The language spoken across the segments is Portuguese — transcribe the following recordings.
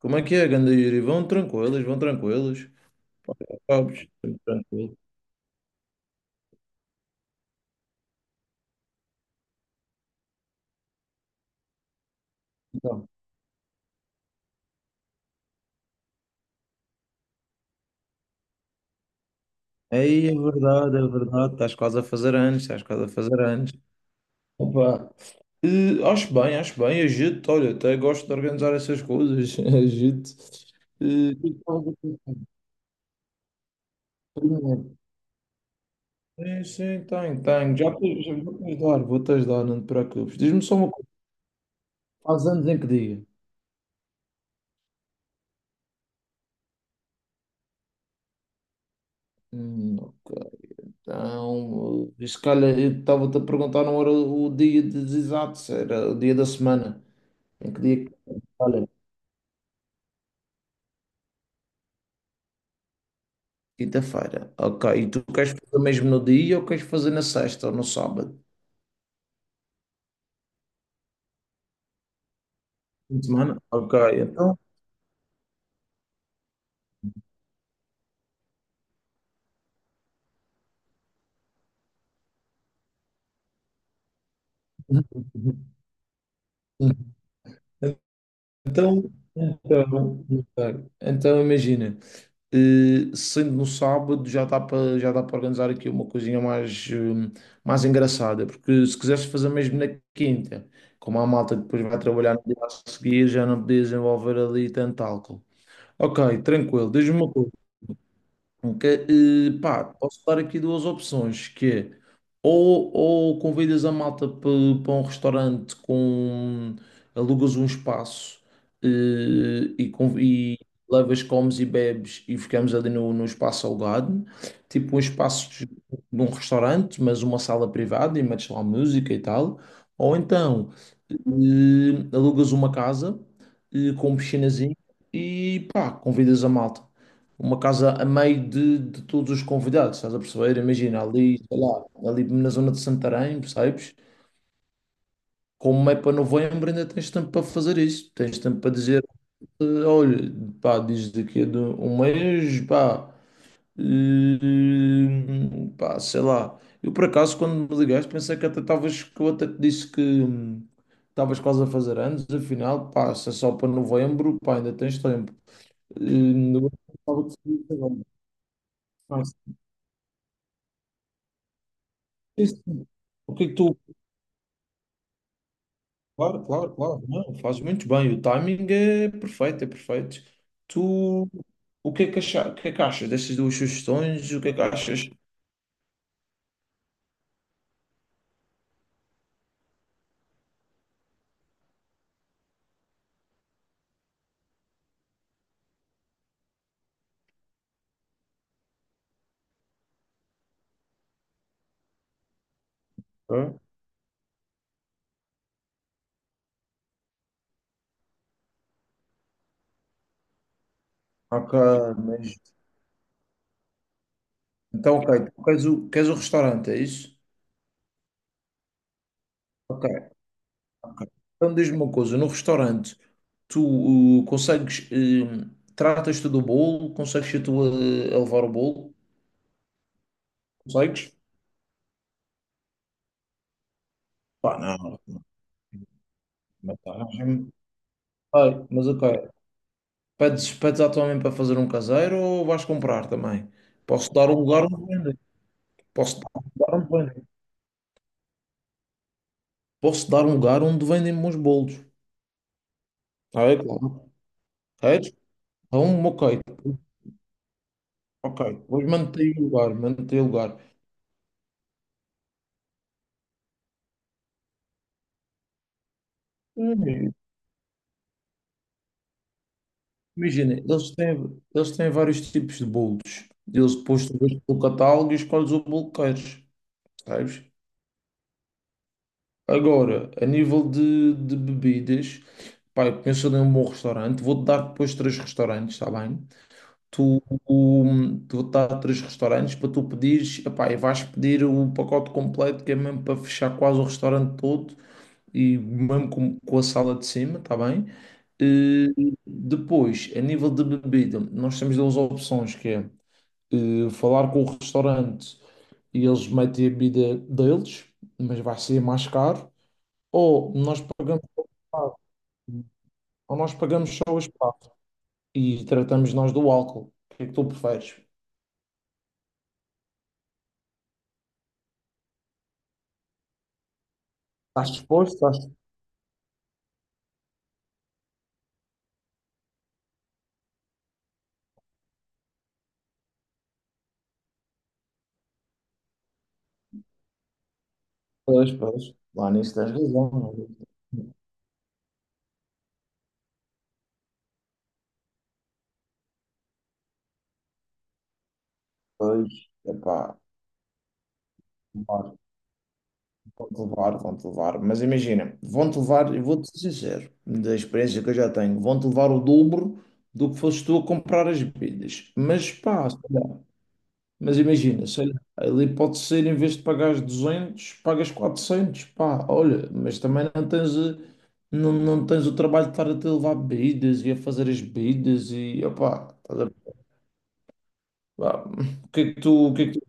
Como é que é, ganda Yuri? Vão tranquilos, vão tranquilos. Sabes? Tudo tranquilo. Então, aí é verdade, é verdade. Estás quase a fazer anos, estás quase a fazer anos. Opa. Acho bem, acho bem. Agito, olha, até gosto de organizar essas coisas. Agito. Eh, Primeiro. Sim, sim, tenho, tenho. Já vou-te ajudar, não te preocupes. Diz-me só uma coisa. Faz anos em que dia? Ok. Então, se calhar eu estava-te a perguntar, não era o dia dos exatos, era o dia da semana. Em que dia é? Olha, quinta-feira. Ok. E tu queres fazer mesmo no dia ou queres fazer na sexta ou no sábado? Fim de semana? Ok, então. Então imagina, sendo no sábado já dá para organizar aqui uma coisinha mais, mais engraçada, porque se quiseres fazer mesmo na quinta, como a malta depois vai trabalhar no dia a seguir, já não podias envolver ali tanto álcool. Ok, tranquilo, diz-me uma coisa. Ok, pá, posso dar aqui duas opções, que é ou convidas a malta para um restaurante com alugas um espaço e levas, comes e bebes e ficamos ali no espaço alugado, tipo um espaço de um restaurante, mas uma sala privada e metes lá música e tal, ou então alugas uma casa com piscinazinho e pá, convidas a malta uma casa a meio de todos os convidados, estás a perceber? Imagina, ali, sei lá, ali na zona de Santarém, percebes? Como é para novembro, ainda tens tempo para fazer isso. Tens tempo para dizer, olha, pá, diz daqui a de um mês, pá, sei lá. Eu, por acaso, quando me ligaste, pensei que até estavas, que eu até te disse que estavas quase a fazer anos, afinal, pá, se é só para novembro, pá, ainda tens tempo. Eu pensava que seria agora. Sim, sim. O que é que tu. Claro, claro, claro. Não, fazes muito bem. O timing é perfeito, é perfeito. Tu. O que é que achas destas duas sugestões? O que é que achas? Hã? Ok, mas. Então, ok, tu queres o restaurante, é isso? Ok, ok. Então diz-me uma coisa: no restaurante, tu consegues. Tratas-te do bolo? Consegues tu a levar o bolo? Consegues? Pá, não, não, não tá. Ai, mas ok. Pedes à tua mãe para fazer um caseiro ou vais comprar também? Posso dar um lugar onde vendem. Posso dar um lugar onde vendem. Posso dar um lugar onde vendem bons bolos. Ah, é claro. Queres? Então, ok. Ok. Vou manter o lugar, manter o lugar. Hum, Imagina, eles têm vários tipos de bolos. Eles depois tu vês pelo catálogo e escolhes o bolo que queres. Sabes? Agora, a nível de bebidas, pá, eu conheço ali um bom restaurante. Vou-te dar depois três restaurantes, está bem? Tu, um, tu tá a três restaurantes para tu pedires, epá, e vais pedir o pacote completo que é mesmo para fechar quase o restaurante todo e mesmo com a sala de cima, tá bem? Eh, Depois, a nível de bebida, nós temos duas opções que é falar com o restaurante e eles metem a bebida deles, mas vai ser mais caro, ou nós pagamos só o espaço, ou nós pagamos só o espaço e tratamos nós do álcool. O que é que tu preferes? Faz esforço, faz. Pois, pois. Lá nisso tens razão. Não é? Pois, epá, levar, vão-te levar, vão-te levar. Mas imagina, vão-te levar, e vou-te ser sincero, da experiência que eu já tenho, vão-te levar o dobro do que foste tu a comprar as bebidas. Mas pá, sei lá. Mas imagina, sei lá, ali pode ser, em vez de pagares 200 pagas 400, pá, olha, mas também não tens. Eh, Não, não tens o trabalho de estar a te levar bebidas e a fazer as bebidas e opá. Vá, o que é que tu, o que é que tu-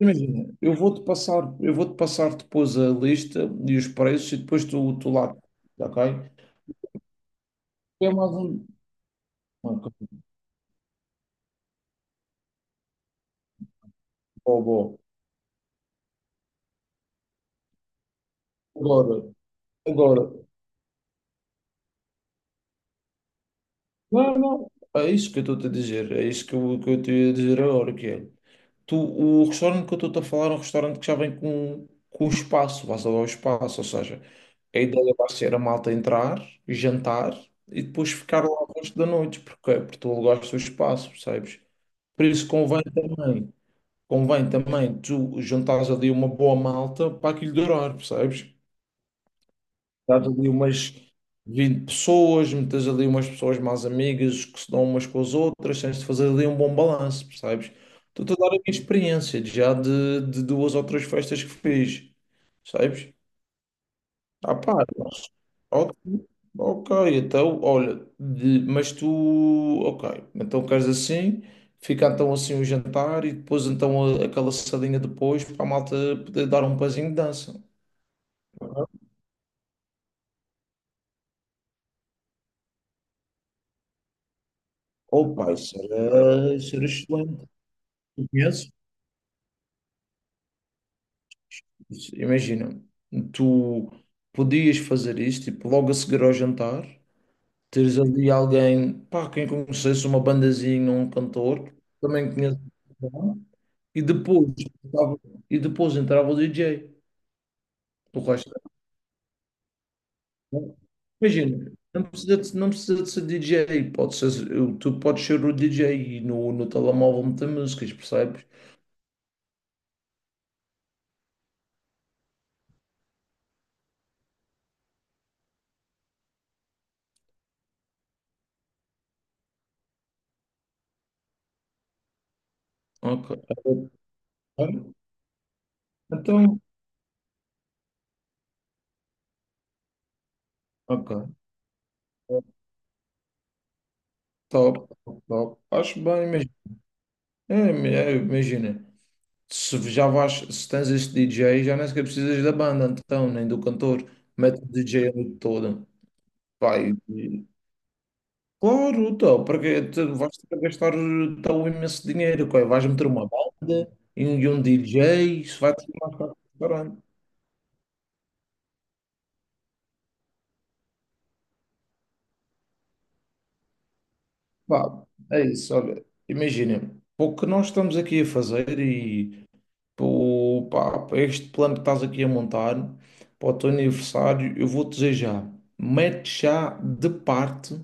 Imagina, eu vou-te passar depois a lista e os preços e depois tu lá, ok? É mais um. Uma bom de agora, agora. Não, não. É isso que eu estou-te a dizer. É isso que eu te ia dizer agora, que é. Tu, o restaurante que eu estou-te a falar é um restaurante que já vem com o espaço, vais alugar espaço, ou seja, a ideia vai ser a malta entrar, jantar e depois ficar lá o resto da noite, porque, é, porque tu alugaste o espaço, percebes? Por isso convém também tu juntares ali uma boa malta para aquilo durar, percebes? Estás ali umas 20 pessoas, metes ali umas pessoas mais amigas que se dão umas com as outras, tens de fazer ali um bom balanço, percebes? Estou a dar a minha experiência de já de duas ou três festas que fiz, percebes? Ah, pá, ok, ok, então, olha, mas tu, ok, então queres assim, fica então assim o jantar e depois então aquela sardinha depois para a malta poder dar um pezinho de dança. Opa, isso era excelente. Tu conheces? Isso, imagina, tu podias fazer isto, tipo, logo a seguir ao jantar, teres ali alguém, pá, quem conhecesse uma bandazinha, um cantor, também conheces. E depois, entrava- e depois entrava o DJ. O resto era bom. Imagina, não precisa de ser DJ. Pode ser, tu podes ser o DJ e no telemóvel meter músicas, percebes? Ok. Então, ok. Top, top, top. Acho bem, mas é, é, imagina. Se já vais, se tens este DJ, já nem sequer precisas da banda, então, nem do cantor. Mete o DJ a noite toda. Vai. Claro, então, porque tu vais ter que gastar tão imenso dinheiro, coi, vais meter uma banda e um DJ, isso vai ter mais caro que o caralho. Pá, é isso, olha, imagina, pô, o que nós estamos aqui a fazer e pô, pá, este plano que estás aqui a montar para o teu aniversário, eu vou dizer já, mete já de parte,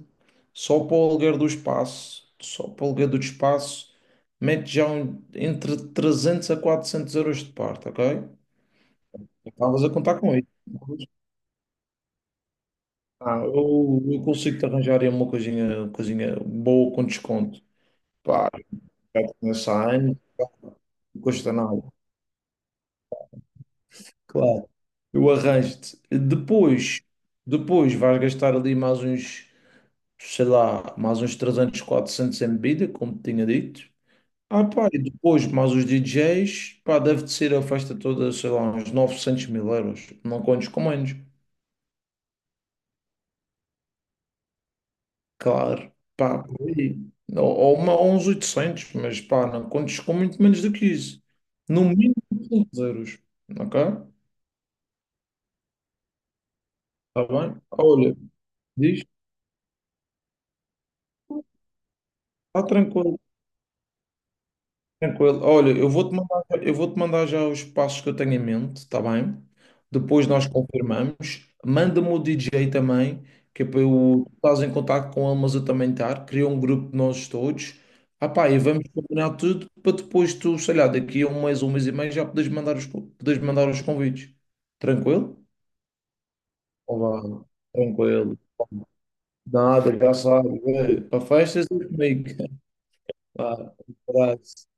só para o aluguer do espaço, só para o aluguer do espaço, mete entre 300 a 400 euros de parte, ok? Estavas a contar com isso. Ah, eu consigo te arranjar aí uma coisinha boa com desconto. Pá, já te conheço há anos, não custa nada. Claro. Eu arranjo-te. Depois vais gastar ali mais uns, sei lá, mais uns 300, 400 em bebida, como te tinha dito. Ah, pá, e depois mais os DJs, pá, deve de ser a festa toda, sei lá, uns 900 mil euros. Não contes com menos. Claro, pá, por aí. Ou uns 800, mas pá, não contes com muito menos do que isso. No mínimo 500 euros, ok? Está bem? Olha, diz, está tranquilo. Tranquilo. Olha, eu vou-te mandar já os passos que eu tenho em mente, está bem? Depois nós confirmamos. Manda-me o DJ também, que é para eu estás em contato com ele, mas eu também estar. Cria um grupo de nós todos. Ah pá, e vamos combinar tudo para depois tu, sei lá, daqui a um mês e meio já podes mandar podes mandar os convites. Tranquilo? Olá, tranquilo. Nada, já sabes. Para festas é comigo. Vá, um abraço.